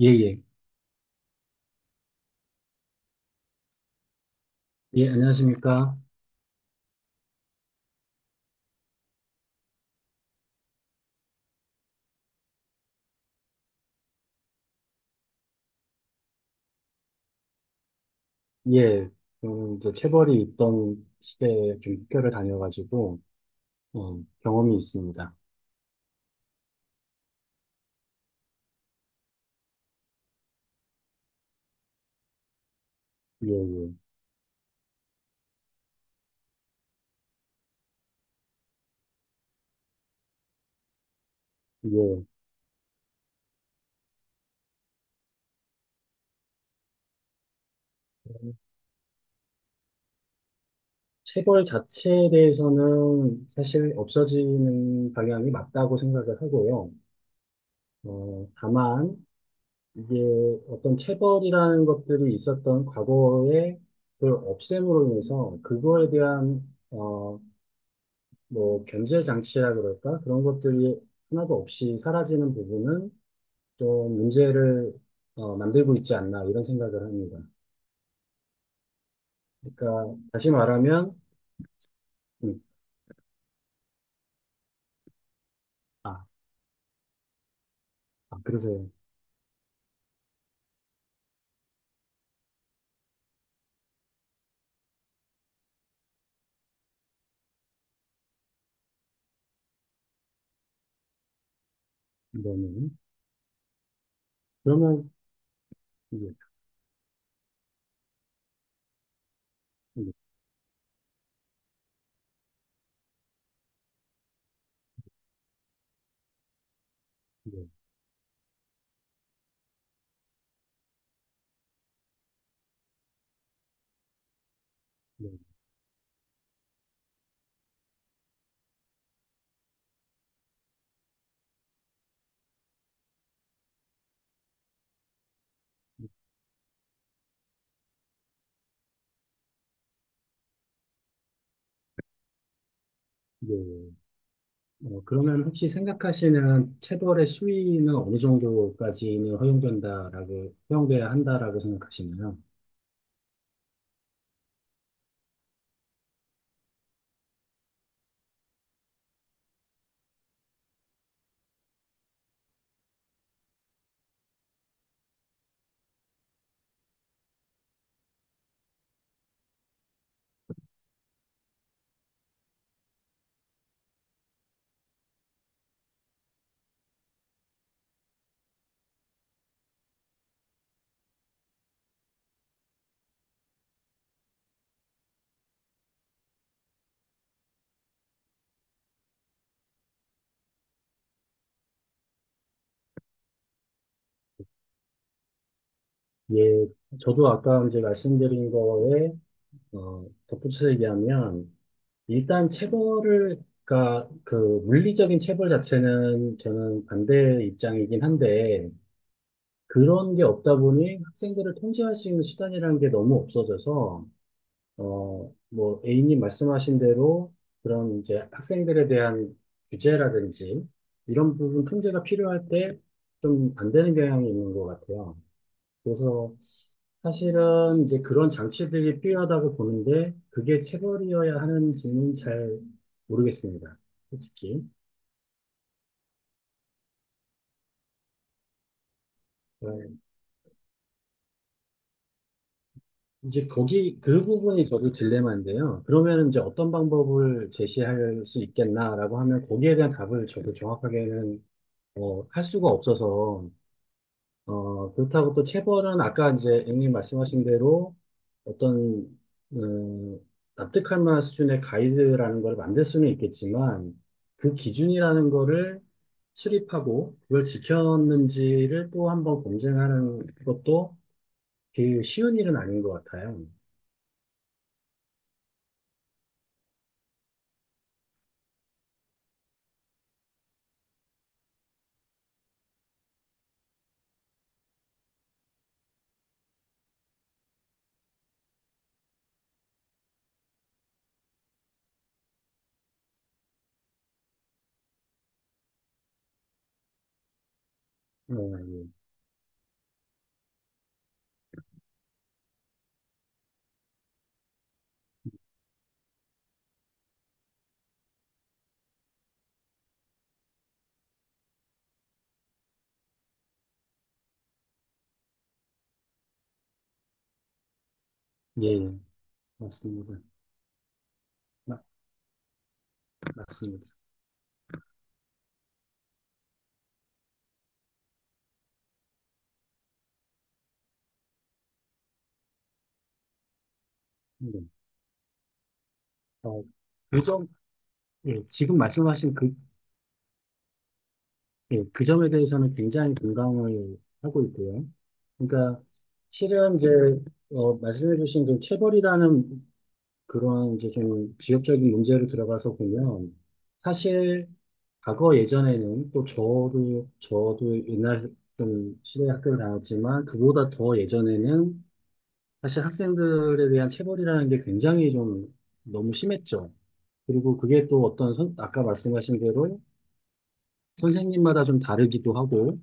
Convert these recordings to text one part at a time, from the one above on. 예, 예. 예, 안녕하십니까. 예, 이제 체벌이 있던 시대에 좀 학교를 다녀가지고, 경험이 있습니다. 예, 예. 예. 체벌 자체에 대해서는 사실 없어지는 방향이 맞다고 생각을 하고요. 다만, 이게 어떤 체벌이라는 것들이 있었던 과거의 그 없앰으로 인해서 그거에 대한, 뭐 견제 장치라 그럴까? 그런 것들이 하나도 없이 사라지는 부분은 또 문제를 만들고 있지 않나 이런 생각을 합니다. 그러니까 다시 말하면 음, 아, 아 그러세요. 이거는 그러면 이게 이게 이게 이게, 이게, 어, 그러면 혹시 생각하시는 체벌의 수위는 어느 정도까지는 허용된다라고 허용돼야 한다라고 생각하시나요? 예, 저도 아까 이제 말씀드린 거에 덧붙여 얘기하면 일단 체벌을 그러니까 그 물리적인 체벌 자체는 저는 반대 입장이긴 한데 그런 게 없다 보니 학생들을 통제할 수 있는 수단이라는 게 너무 없어져서 뭐 A님 말씀하신 대로 그런 이제 학생들에 대한 규제라든지 이런 부분 통제가 필요할 때 좀 안 되는 경향이 있는 것 같아요. 그래서 사실은 이제 그런 장치들이 필요하다고 보는데 그게 체벌이어야 하는지는 잘 모르겠습니다. 솔직히. 네. 이제 거기 그 부분이 저도 딜레마인데요. 그러면 이제 어떤 방법을 제시할 수 있겠나라고 하면 거기에 대한 답을 저도 정확하게는 할 수가 없어서 그렇다고 또 체벌은 아까 이제 앵님 말씀하신 대로 어떤, 음, 납득할 만한 수준의 가이드라는 걸 만들 수는 있겠지만 그 기준이라는 거를 수립하고 그걸 지켰는지를 또 한번 검증하는 것도 그 쉬운 일은 아닌 것 같아요. 예, 예, 예. 맞습니다. 맞, 맞습니다. 네. 어, 그 점, 예, 지금 말씀하신 그, 예, 그 점에 대해서는 굉장히 공감을 하고 있고요. 그러니까 실은 이제 말씀해주신 그 체벌이라는 그런 이제 좀 지역적인 문제로 들어가서 보면 사실 과거 예전에는 또 저도 옛날 좀 시대 학교를 다녔지만 그보다 더 예전에는 사실 학생들에 대한 체벌이라는 게 굉장히 좀 너무 심했죠. 그리고 그게 또 어떤 아까 말씀하신 대로 선생님마다 좀 다르기도 하고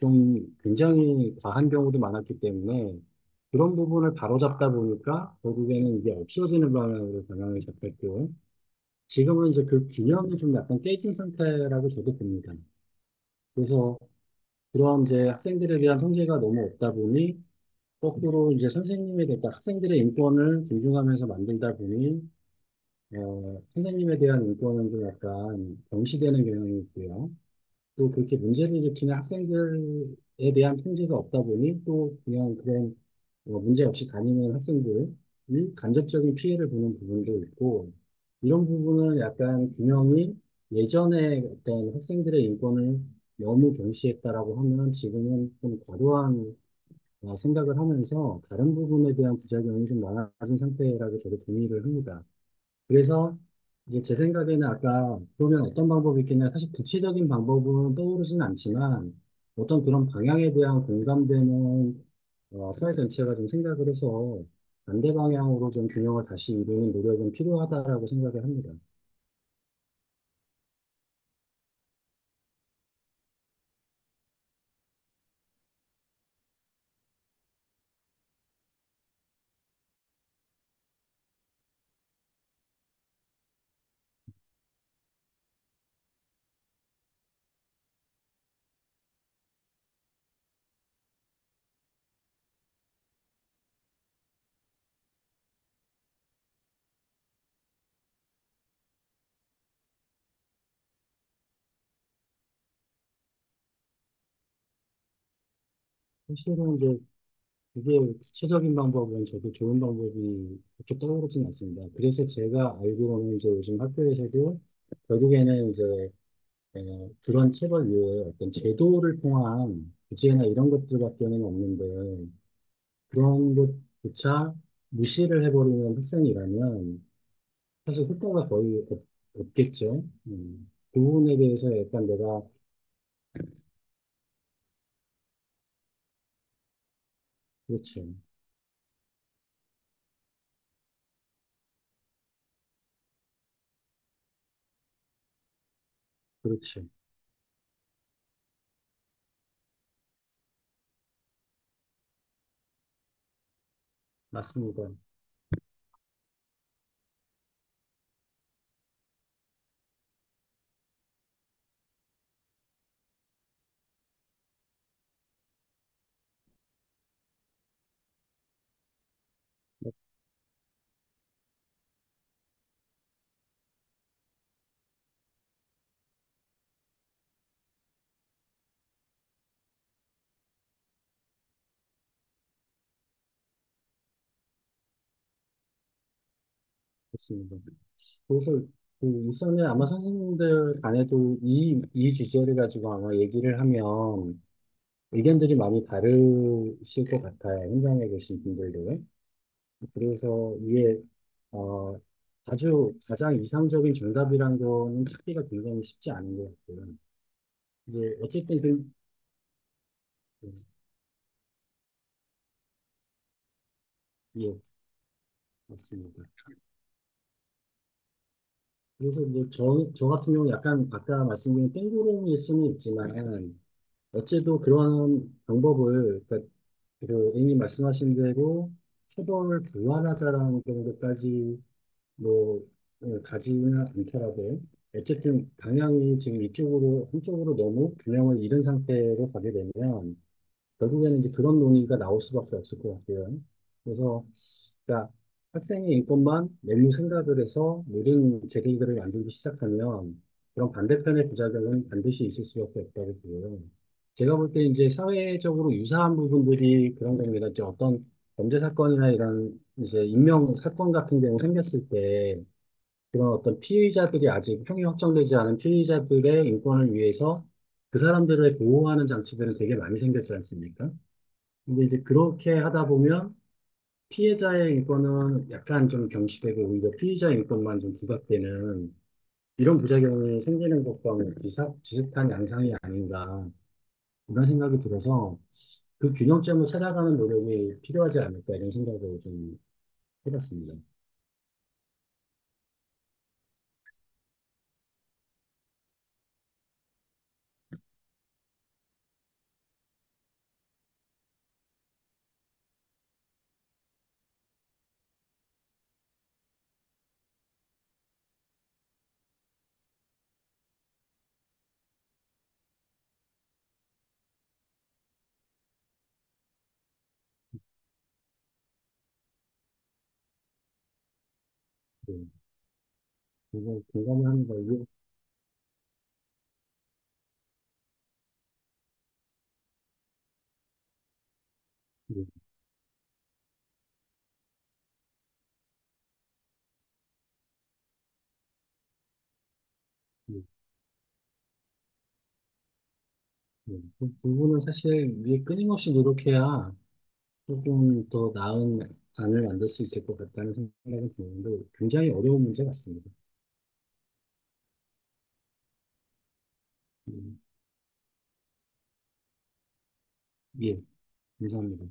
좀 굉장히 과한 경우도 많았기 때문에 그런 부분을 바로잡다 보니까 결국에는 이게 없어지는 방향으로 방향을 잡혔고 지금은 이제 그 균형이 좀 약간 깨진 상태라고 저도 봅니다. 그래서 그런 이제 학생들에 대한 통제가 너무 없다 보니 거꾸로 이제 선생님에 대한 그러니까 학생들의 인권을 존중하면서 만들다 보니 선생님에 대한 인권은 좀 약간 경시되는 경향이 있고요. 또 그렇게 문제를 일으키는 학생들에 대한 통제가 없다 보니 또 그냥 그런 문제 없이 다니는 학생들이 간접적인 피해를 보는 부분도 있고 이런 부분을 약간 균형이 예전에 어떤 학생들의 인권을 너무 경시했다라고 하면 지금은 좀 과도한 생각을 하면서 다른 부분에 대한 부작용이 좀 많아진 상태라고 저도 동의를 합니다. 그래서 이제 제 생각에는 아까 그러면 어떤 방법이 있겠냐. 사실 구체적인 방법은 떠오르진 않지만 어떤 그런 방향에 대한 공감되는 사회 전체가 좀 생각을 해서 반대 방향으로 좀 균형을 다시 이루는 노력은 필요하다라고 생각을 합니다. 사실은 이제 그게 구체적인 방법은 저도 좋은 방법이 그렇게 떠오르진 않습니다. 그래서 제가 알기로는 이제 요즘 학교에서도 결국에는 이제 예 그런 체벌 외에 어떤 제도를 통한 규제나 이런 것들밖에는 없는데 그런 것조차 무시를 해버리는 학생이라면 사실 효과가 거의 없겠죠. 그 부분에 대해서 약간 내가 그렇죠, 그렇죠, 맞습니다, 맞습니다. 그래서 그 일선에 아마 선생님들 간에도 이 주제를 가지고 아마 얘기를 하면 의견들이 많이 다르실 것 같아요. 현장에 계신 분들도. 그래서 이게 어, 아주 가장 이상적인 정답이라는 거는 찾기가 굉장히 쉽지 않은 것 같고요. 이제 어쨌든 그, 네, 예, 맞습니다. 그래서 이제 저 같은 경우는 약간 아까 말씀드린 땡구름일 수는 있지만 어째도 그런 방법을 그러니까 그 A님 말씀하신 대로 체벌을 부활하자라는 정도까지 뭐 가지는 않더라도 어쨌든 방향이 지금 이쪽으로 한쪽으로 너무 균형을 잃은 상태로 가게 되면 결국에는 이제 그런 논의가 나올 수밖에 없을 것 같아요. 그래서 그러니까 학생의 인권만 메뉴 생각을 해서 모든 제도들을 만들기 시작하면 그런 반대편의 부작용은 반드시 있을 수밖에 없다고 보고요. 제가 볼 때 이제 사회적으로 유사한 부분들이 그런 겁니다. 이제 어떤 범죄 사건이나 이런 이제 인명 사건 같은 경우 생겼을 때 그런 어떤 피해자들이 아직 형이 확정되지 않은 피해자들의 인권을 위해서 그 사람들을 보호하는 장치들은 되게 많이 생겼지 않습니까? 근데 이제 그렇게 하다 보면 피해자의 인권은 약간 좀 경시되고 오히려 피의자 인권만 좀 부각되는 이런 부작용이 생기는 것과 비슷한 양상이 아닌가 이런 생각이 들어서 그 균형점을 찾아가는 노력이 필요하지 않을까 이런 생각을 좀 해봤습니다. 네, 그거 공감을 하는 걸로. 네, 네. 네, 그 부분은 사실 위에 끊임없이 노력해야 조금 더 나은 안을 만들 수 있을 것 같다는 생각이 드는데 굉장히 어려운 문제 같습니다. 음, 예, 감사합니다.